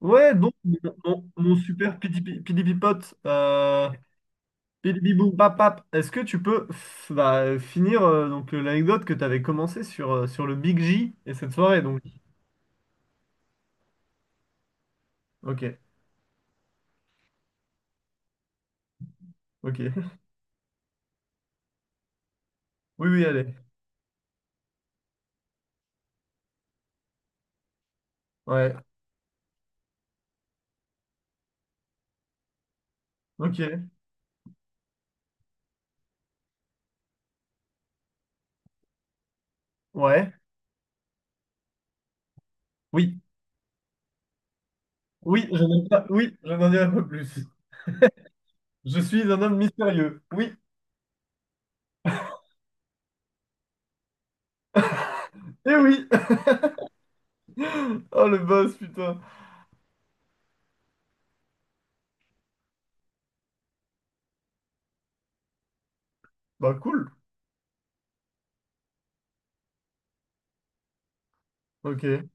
Ouais, donc mon super pidipipote, pidibibou papap, est-ce que tu peux bah, finir donc l'anecdote que tu avais commencé sur le Big J et cette soirée donc. Ok, ok. Oui, oui, allez. Ouais. Ok. Ouais. Oui. Oui, je n'en pas. Oui, je n'en dirai pas plus. Je suis un homme mystérieux. Oui. Eh oui. Oh le boss, putain. Bah cool. Ok.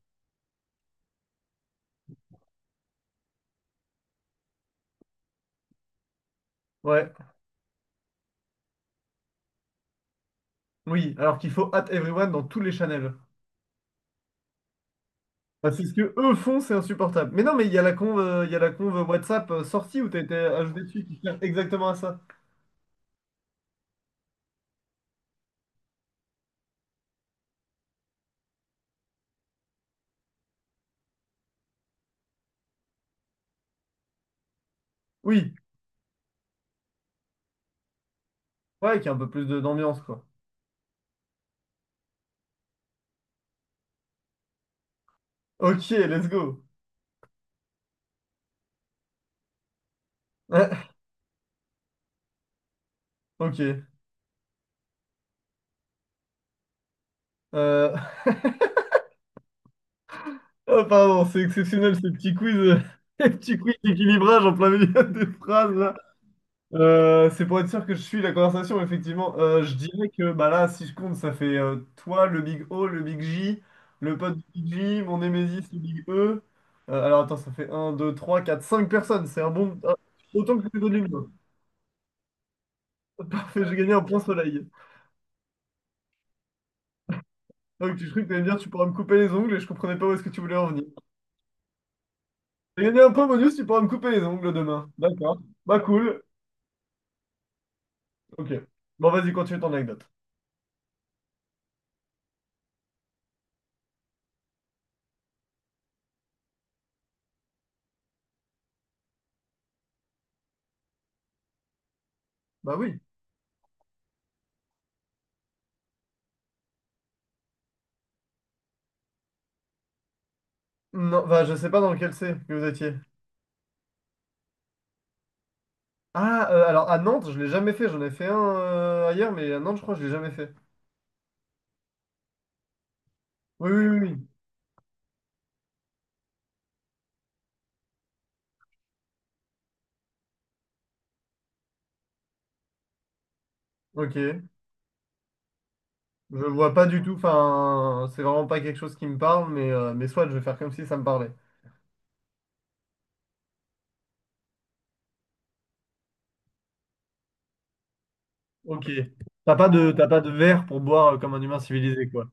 Ouais. Oui. Alors qu'il faut at everyone dans tous les channels. Ah, c'est ce que eux font, c'est insupportable. Mais non, mais il y a la conve WhatsApp sortie où t'as été ajouté dessus qui sert exactement à ça. Oui, ouais, qui a un peu plus d'ambiance, quoi. Ok, let's go. Ah, ok. Euh, Oh, pardon, c'est exceptionnel ce petit quiz, petit quiz d'équilibrage en plein milieu des phrases, là. C'est pour être sûr que je suis la conversation, effectivement. Je dirais que bah là, si je compte, ça fait toi, le Big O, le Big J, le pote du Big J, mon Nemesis, le Big E. Alors attends, ça fait un, 2, 3, 4, 5 personnes. C'est un bon. Ah, autant que les autres humains. Parfait, j'ai gagné un point soleil. Donc tu crois que tu allais me dire tu pourras me couper les ongles et je comprenais pas où est-ce que tu voulais en venir. J'ai gagné un point bonus, tu pourras me couper les ongles demain. D'accord. Bah cool. Ok. Bon, vas-y, continue ton anecdote. Bah oui. Non, bah je sais pas dans lequel c'est que vous étiez. Ah, alors à Nantes, je l'ai jamais fait. J'en ai fait un ailleurs, mais à Nantes, je crois que je l'ai jamais fait. Oui, oui, oui. Oui. Ok. Je vois pas du tout. Enfin, c'est vraiment pas quelque chose qui me parle, mais soit je vais faire comme si ça me parlait. Ok. T'as pas de verre pour boire comme un humain civilisé, quoi.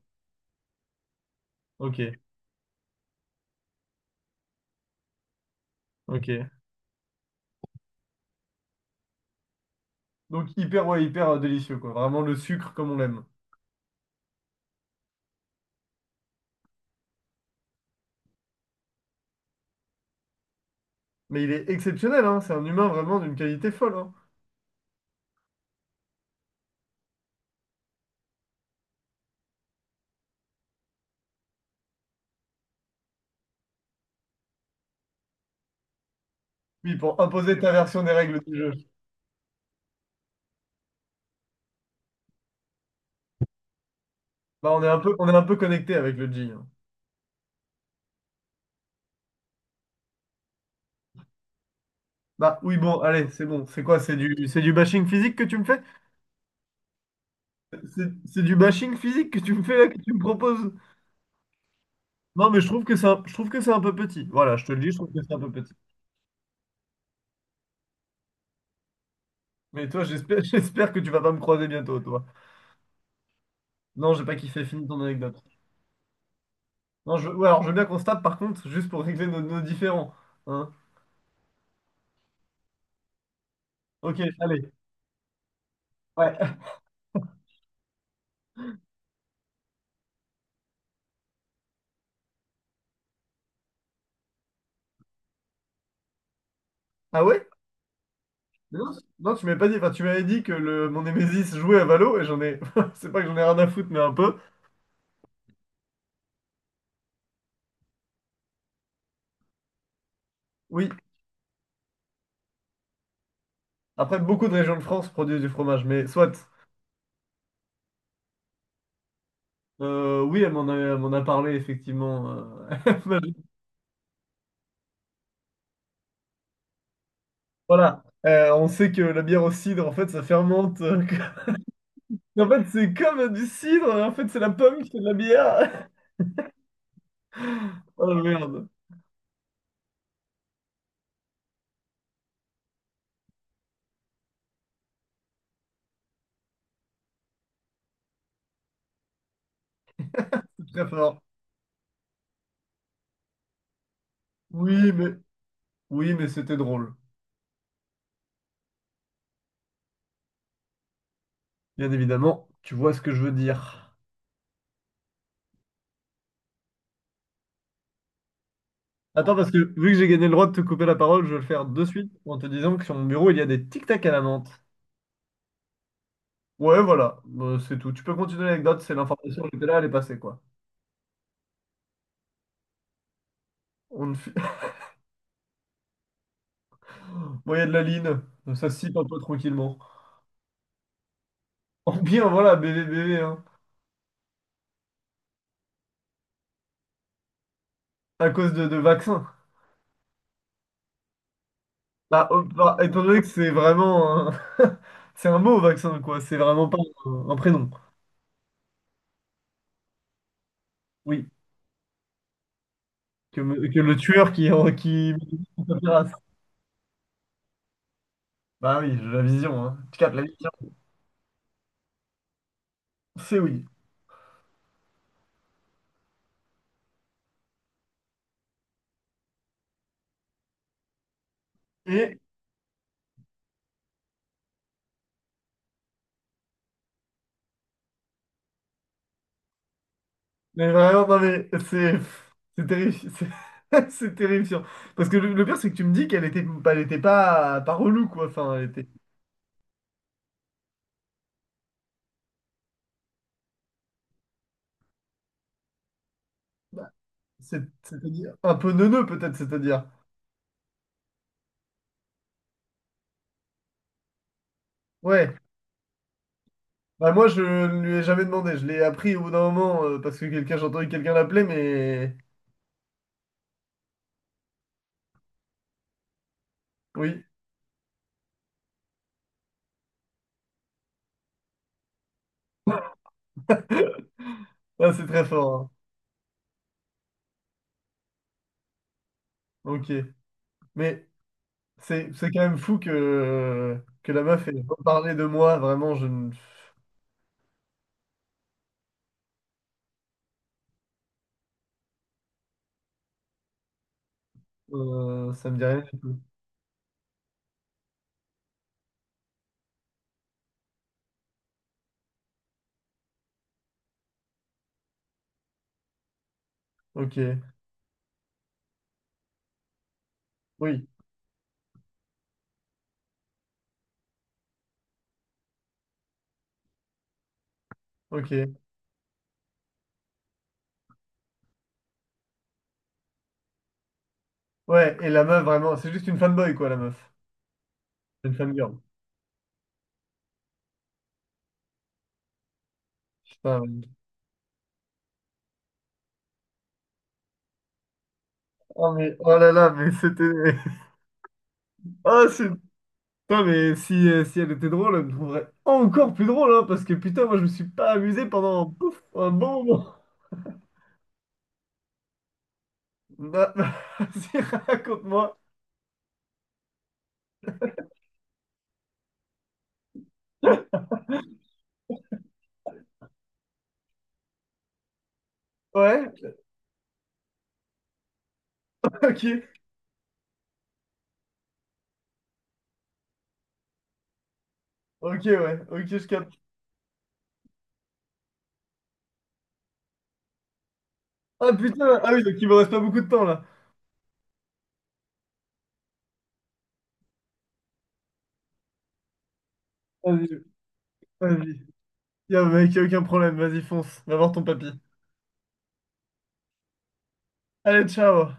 Ok, ok. Donc hyper, ouais, hyper délicieux, quoi. Vraiment le sucre comme on l'aime. Mais il est exceptionnel, hein. C'est un humain vraiment d'une qualité folle, hein. Oui, pour imposer ta version des règles du jeu. Bah, on est un peu connecté avec le G, hein. Bah oui, bon, allez, c'est bon. C'est quoi? C'est du bashing physique que tu me fais? C'est du bashing physique que tu me fais là, que tu me proposes? Non, mais je trouve que c'est un, je trouve que c'est un peu petit. Voilà, je te le dis, je trouve que c'est un peu petit. Mais toi, j'espère, j'espère que tu vas pas me croiser bientôt, toi. Non, j'ai pas kiffé, fini ton anecdote. Non, ouais, alors je veux bien qu'on se tape, par contre, juste pour régler nos différends. Hein? Ok, allez. Ouais. Ah ouais? Mais non, non, tu m'avais pas dit, enfin, tu m'avais dit que mon Nemesis jouait à Valo et j'en ai, c'est pas que j'en ai rien à foutre, mais un peu. Oui. Après, beaucoup de régions de France produisent du fromage, mais soit. Oui, elle m'en a parlé, effectivement. Voilà. On sait que la bière au cidre, en fait, ça fermente. En fait, c'est comme du cidre, hein. En fait, c'est la pomme qui fait de la bière. Oh merde, c'est très fort. Oui, mais... Oui, mais c'était drôle. Bien évidemment, tu vois ce que je veux dire. Attends, parce que vu que j'ai gagné le droit de te couper la parole, je vais le faire de suite en te disant que sur mon bureau, il y a des tic-tac à la menthe. Ouais, voilà, bah, c'est tout. Tu peux continuer l'anecdote, c'est l'information, elle était là, elle est passée, quoi. On ne fi- Bon, il y a de la ligne. Ça se cite un peu tranquillement. En bien, voilà, bébé, bébé, hein. À cause de vaccins. Bah, oh, bah, étant donné que c'est vraiment un... c'est un mot, vaccin, quoi. C'est vraiment pas un prénom. Oui. Que le tueur qui met terrasse. Bah oui, j'ai la vision, hein. Tu captes la vision. C'est oui. Et, mais vraiment, non, mais c'est terrifiant. C'est terrifiant. Parce que le pire, c'est que tu me dis qu'elle était, elle était pas, pas relou, quoi. Enfin, elle était. Bah, c'est-à-dire un peu neuneux, peut-être, c'est-à-dire. Ouais, bah moi je ne lui ai jamais demandé, je l'ai appris au bout d'un moment j'ai entendu quelqu'un l'appeler, mais oui, Ah, c'est très fort, hein. Ok, mais c'est quand même fou que la meuf ait pas parlé de moi, vraiment, je ne... Ça me dit rien du tout. Ok, oui, ok. Ouais, et la meuf, vraiment, c'est juste une fanboy quoi, la meuf. C'est une fangirl. Putain, oh, mais, oh là là, mais c'était... Oh, putain, mais si elle était drôle, elle me trouverait encore plus drôle, hein, parce que putain, moi je me suis pas amusé pendant pouf, un bon moment. Bah, vas-y, raconte-moi. Ouais, ok, ok, ouais, ok, je capte. Ah putain, ah oui, donc il me reste pas beaucoup de temps là. Vas-y, vas-y. Y'a mec, y a aucun problème, vas-y, fonce, va voir ton papy. Allez, ciao!